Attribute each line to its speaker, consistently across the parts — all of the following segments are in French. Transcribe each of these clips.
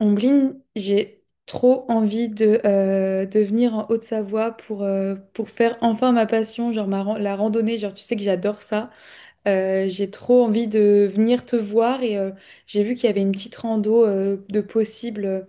Speaker 1: Ombline, j'ai trop envie de venir en Haute-Savoie pour faire enfin ma passion, genre la randonnée. Genre, tu sais que j'adore ça. J'ai trop envie de venir te voir et j'ai vu qu'il y avait une petite rando de possible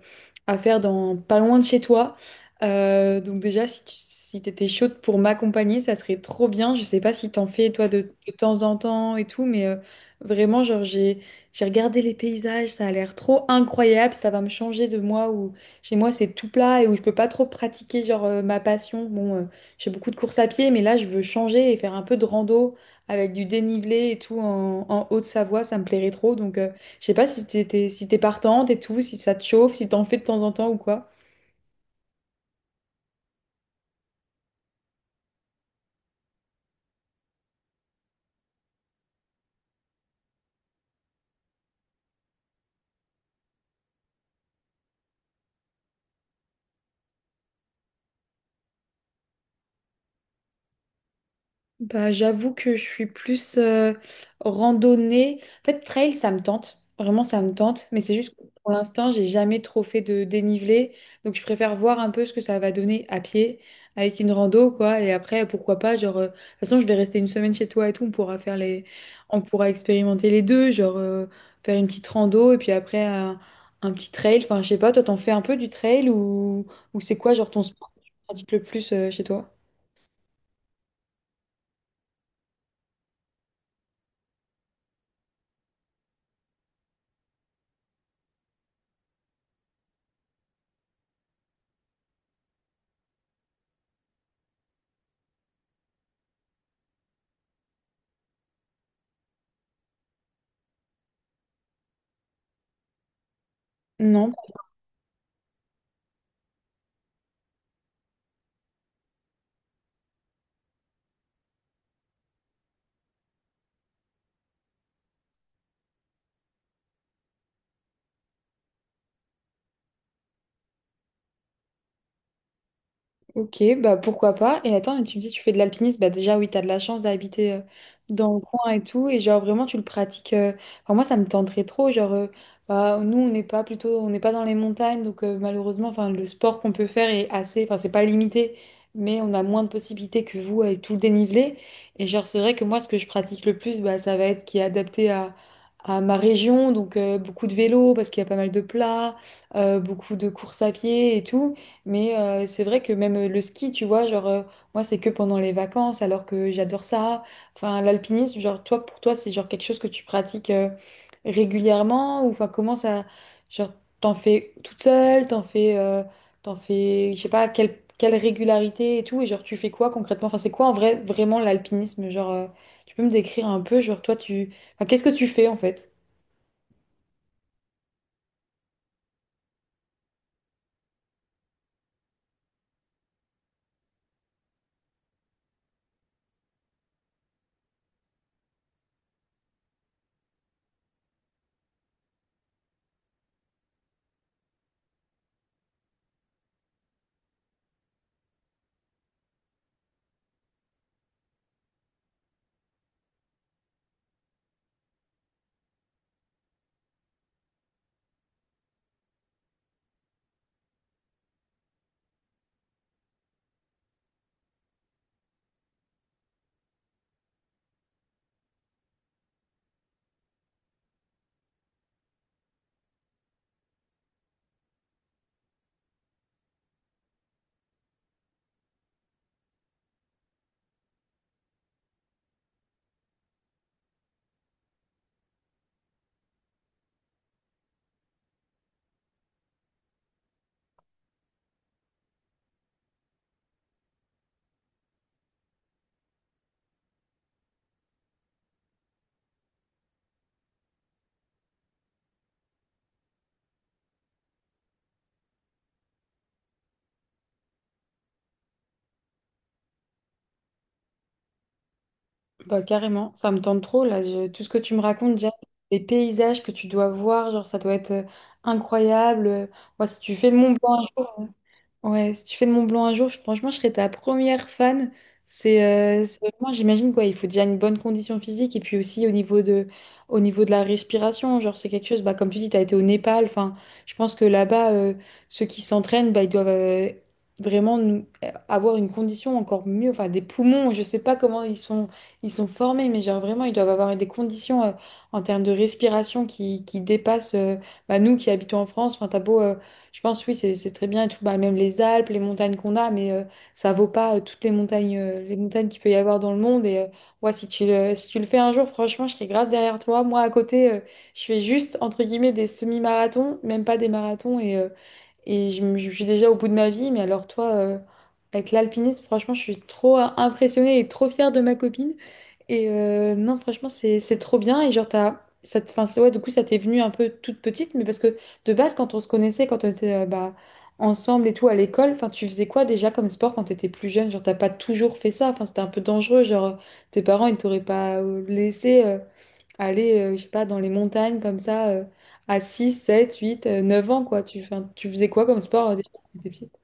Speaker 1: à faire dans pas loin de chez toi. Donc déjà, si t'étais chaude pour m'accompagner, ça serait trop bien. Je sais pas si t'en fais toi de temps en temps et tout, mais vraiment, genre j'ai regardé les paysages, ça a l'air trop incroyable. Ça va me changer de moi où chez moi c'est tout plat et où je peux pas trop pratiquer genre ma passion. Bon, je fais beaucoup de courses à pied, mais là je veux changer et faire un peu de rando avec du dénivelé et tout en Haute-Savoie, ça me plairait trop. Donc, je sais pas si t'es partante et tout, si ça te chauffe, si t'en fais de temps en temps ou quoi. Bah, j'avoue que je suis plus randonnée. En fait, trail, ça me tente. Vraiment, ça me tente. Mais c'est juste que pour l'instant, j'ai jamais trop fait de dénivelé. Donc, je préfère voir un peu ce que ça va donner à pied avec une rando, quoi. Et après, pourquoi pas, genre, de toute façon, je vais rester une semaine chez toi et tout. On pourra faire les. On pourra expérimenter les deux, genre, faire une petite rando et puis après, un petit trail. Enfin, je sais pas, toi, t'en fais un peu du trail ou c'est quoi, genre, ton sport que tu pratiques le plus chez toi? Non. Ok, bah pourquoi pas. Et attends, mais tu me dis, tu fais de l'alpinisme, bah déjà oui, t'as de la chance d'habiter dans le coin et tout, et genre vraiment tu le pratiques. Enfin moi ça me tenterait trop, genre bah, nous on n'est pas plutôt, on n'est pas dans les montagnes, donc malheureusement, enfin le sport qu'on peut faire est assez, enfin c'est pas limité, mais on a moins de possibilités que vous avec tout le dénivelé. Et genre c'est vrai que moi ce que je pratique le plus, bah ça va être ce qui est adapté à ma région, donc beaucoup de vélo parce qu'il y a pas mal de plats, beaucoup de courses à pied et tout. Mais c'est vrai que même le ski, tu vois, genre, moi, c'est que pendant les vacances, alors que j'adore ça. Enfin, l'alpinisme, genre, toi, pour toi, c'est genre quelque chose que tu pratiques régulièrement ou enfin, comment ça, genre, t'en fais toute seule, t'en fais, je sais pas, quelle régularité et tout, et genre, tu fais quoi concrètement? Enfin, c'est quoi en vrai, vraiment l'alpinisme? Genre, tu peux me décrire un peu, genre, toi, enfin, qu'est-ce que tu fais en fait? Bah, carrément, ça me tente trop là. Tout ce que tu me racontes, déjà, les paysages que tu dois voir, genre ça doit être incroyable. Moi, si tu fais le Mont Blanc. Ouais, si tu fais de Mont Blanc un jour, franchement, je serais ta première fan. C'est vraiment, j'imagine quoi, il faut déjà une bonne condition physique et puis aussi au niveau de la respiration, genre c'est quelque chose, bah, comme tu dis, tu as été au Népal, enfin, je pense que là-bas, ceux qui s'entraînent, bah, ils doivent vraiment avoir une condition encore mieux, enfin des poumons, je sais pas comment ils sont formés, mais genre vraiment, ils doivent avoir des conditions en termes de respiration qui dépassent bah, nous qui habitons en France, enfin, je pense, oui, c'est très bien et tout. Bah, même les Alpes, les montagnes qu'on a, mais ça vaut pas toutes les montagnes qu'il peut y avoir dans le monde. Et ouais, si tu le fais un jour, franchement, je serai grave derrière toi. Moi, à côté, je fais juste, entre guillemets, des semi-marathons, même pas des marathons. Et je suis déjà au bout de ma vie. Mais alors, toi, avec l'alpinisme, franchement, je suis trop impressionnée et trop fière de ma copine. Et non, franchement, c'est trop bien. Et genre, enfin, ouais, du coup, ça t'est venu un peu toute petite, mais parce que de base, quand on se connaissait, quand on était bah, ensemble et tout à l'école, enfin, tu faisais quoi déjà comme sport quand t'étais plus jeune? Genre, t'as pas toujours fait ça. Enfin, c'était un peu dangereux. Genre, tes parents, ils t'auraient pas laissé aller, je sais pas, dans les montagnes comme ça à 6 7 8 9 ans, quoi. Enfin, tu faisais quoi comme sport déjà quand t'étais petite?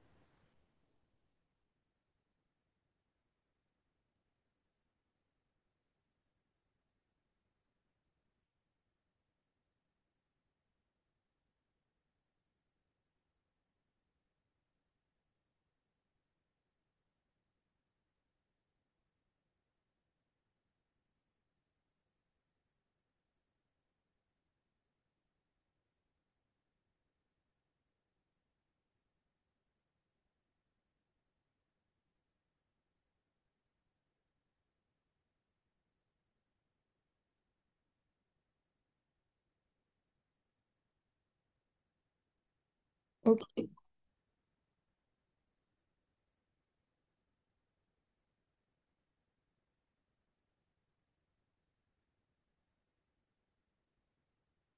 Speaker 1: Ok.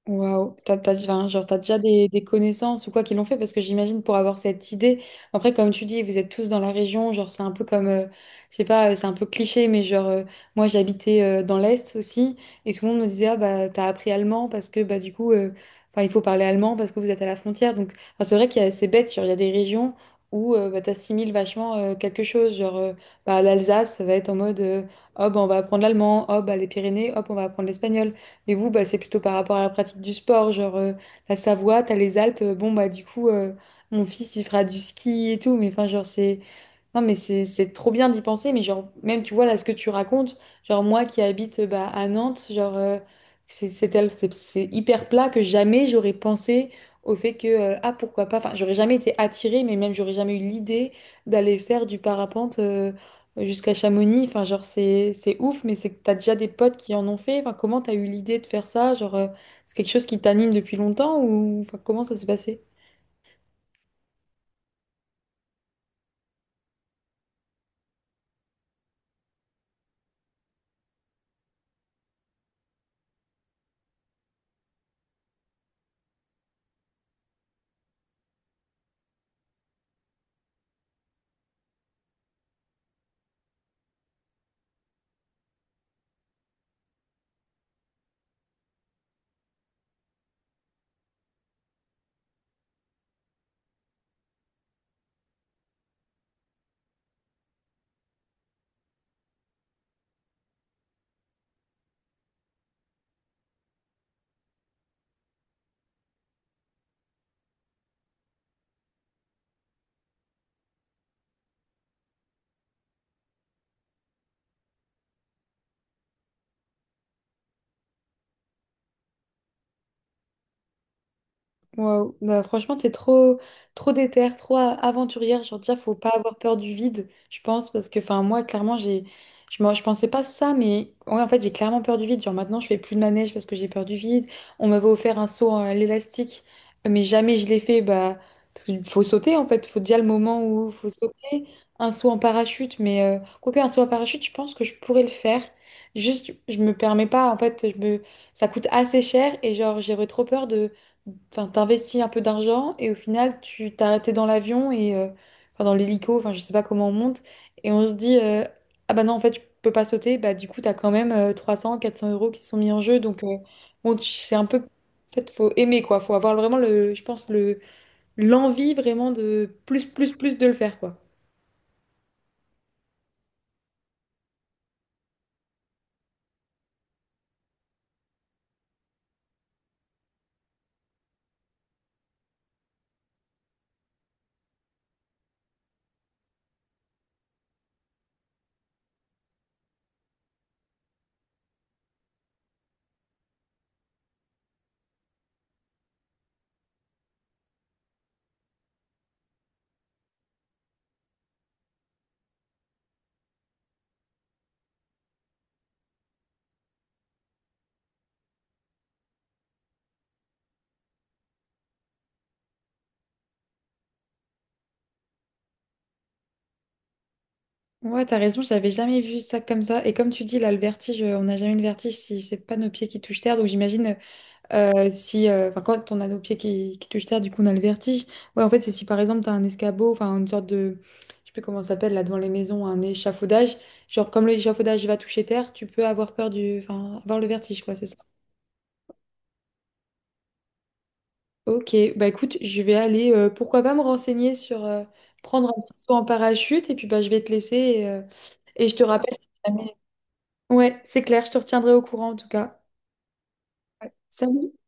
Speaker 1: Waouh, enfin, genre, t'as déjà des connaissances ou quoi qui l'ont fait parce que j'imagine pour avoir cette idée. Après, comme tu dis, vous êtes tous dans la région, genre c'est un peu comme, je sais pas, c'est un peu cliché, mais genre moi j'habitais dans l'Est aussi et tout le monde me disait ah bah t'as appris allemand parce que bah du coup, enfin il faut parler allemand parce que vous êtes à la frontière. Donc enfin, c'est vrai qu'il y a c'est bête, genre il y a des régions où bah, t'assimiles vachement quelque chose, genre bah l'Alsace ça va être en mode oh bah on va apprendre l'allemand, oh bah les Pyrénées, hop on va apprendre l'espagnol. Et vous, bah, c'est plutôt par rapport à la pratique du sport, genre la Savoie, t'as les Alpes, bon bah du coup mon fils il fera du ski et tout, mais enfin genre c'est non, mais c'est trop bien d'y penser, mais genre, même tu vois là ce que tu racontes, genre moi qui habite bah, à Nantes, genre, c'est hyper plat que jamais j'aurais pensé au fait que, ah pourquoi pas, enfin, j'aurais jamais été attirée, mais même j'aurais jamais eu l'idée d'aller faire du parapente jusqu'à Chamonix, enfin, genre, c'est ouf, mais c'est que t'as déjà des potes qui en ont fait, enfin, comment t'as eu l'idée de faire ça, genre, c'est quelque chose qui t'anime depuis longtemps ou enfin, comment ça s'est passé? Wow. Bah, franchement, t'es trop, trop déter, trop aventurière. Genre, déjà, faut pas avoir peur du vide, je pense, parce que, enfin, moi, clairement, je pensais pas ça, mais ouais, en fait, j'ai clairement peur du vide. Genre, maintenant, je fais plus de manège parce que j'ai peur du vide. On m'avait offert un saut à l'élastique, mais jamais je l'ai fait, bah, parce qu'il faut sauter, en fait. Faut déjà le moment où faut sauter. Un saut en parachute, mais quoique un saut en parachute, je pense que je pourrais le faire. Juste, je me permets pas, en fait, je me. Ça coûte assez cher et genre, j'aurais trop peur de enfin, t'investis un peu d'argent et au final, tu t'es arrêté dans l'avion et enfin, dans l'hélico, enfin, je sais pas comment on monte. Et on se dit, ah bah non, en fait, je peux pas sauter. Bah, du coup, t'as quand même 300, 400 euros qui sont mis en jeu. Donc, bon, c'est un peu. En fait, faut aimer, quoi. Faut avoir vraiment, le, je pense, le, l'envie vraiment de plus, plus, plus de le faire, quoi. Ouais, t'as raison, j'avais jamais vu ça comme ça. Et comme tu dis, là, le vertige, on n'a jamais le vertige si c'est pas nos pieds qui touchent terre. Donc j'imagine, si, enfin, quand on a nos pieds qui touchent terre, du coup, on a le vertige. Ouais, en fait, c'est si par exemple, tu as un escabeau, enfin, une sorte de, je sais plus comment ça s'appelle, là, devant les maisons, un échafaudage. Genre, comme l'échafaudage va toucher terre, tu peux avoir peur enfin, avoir le vertige, quoi, c'est ça. Ok, bah écoute, je vais aller, pourquoi pas me renseigner sur prendre un petit saut en parachute, et puis bah, je vais te laisser, et je te rappelle si jamais. Ouais, c'est clair, je te retiendrai au courant en tout cas. Salut!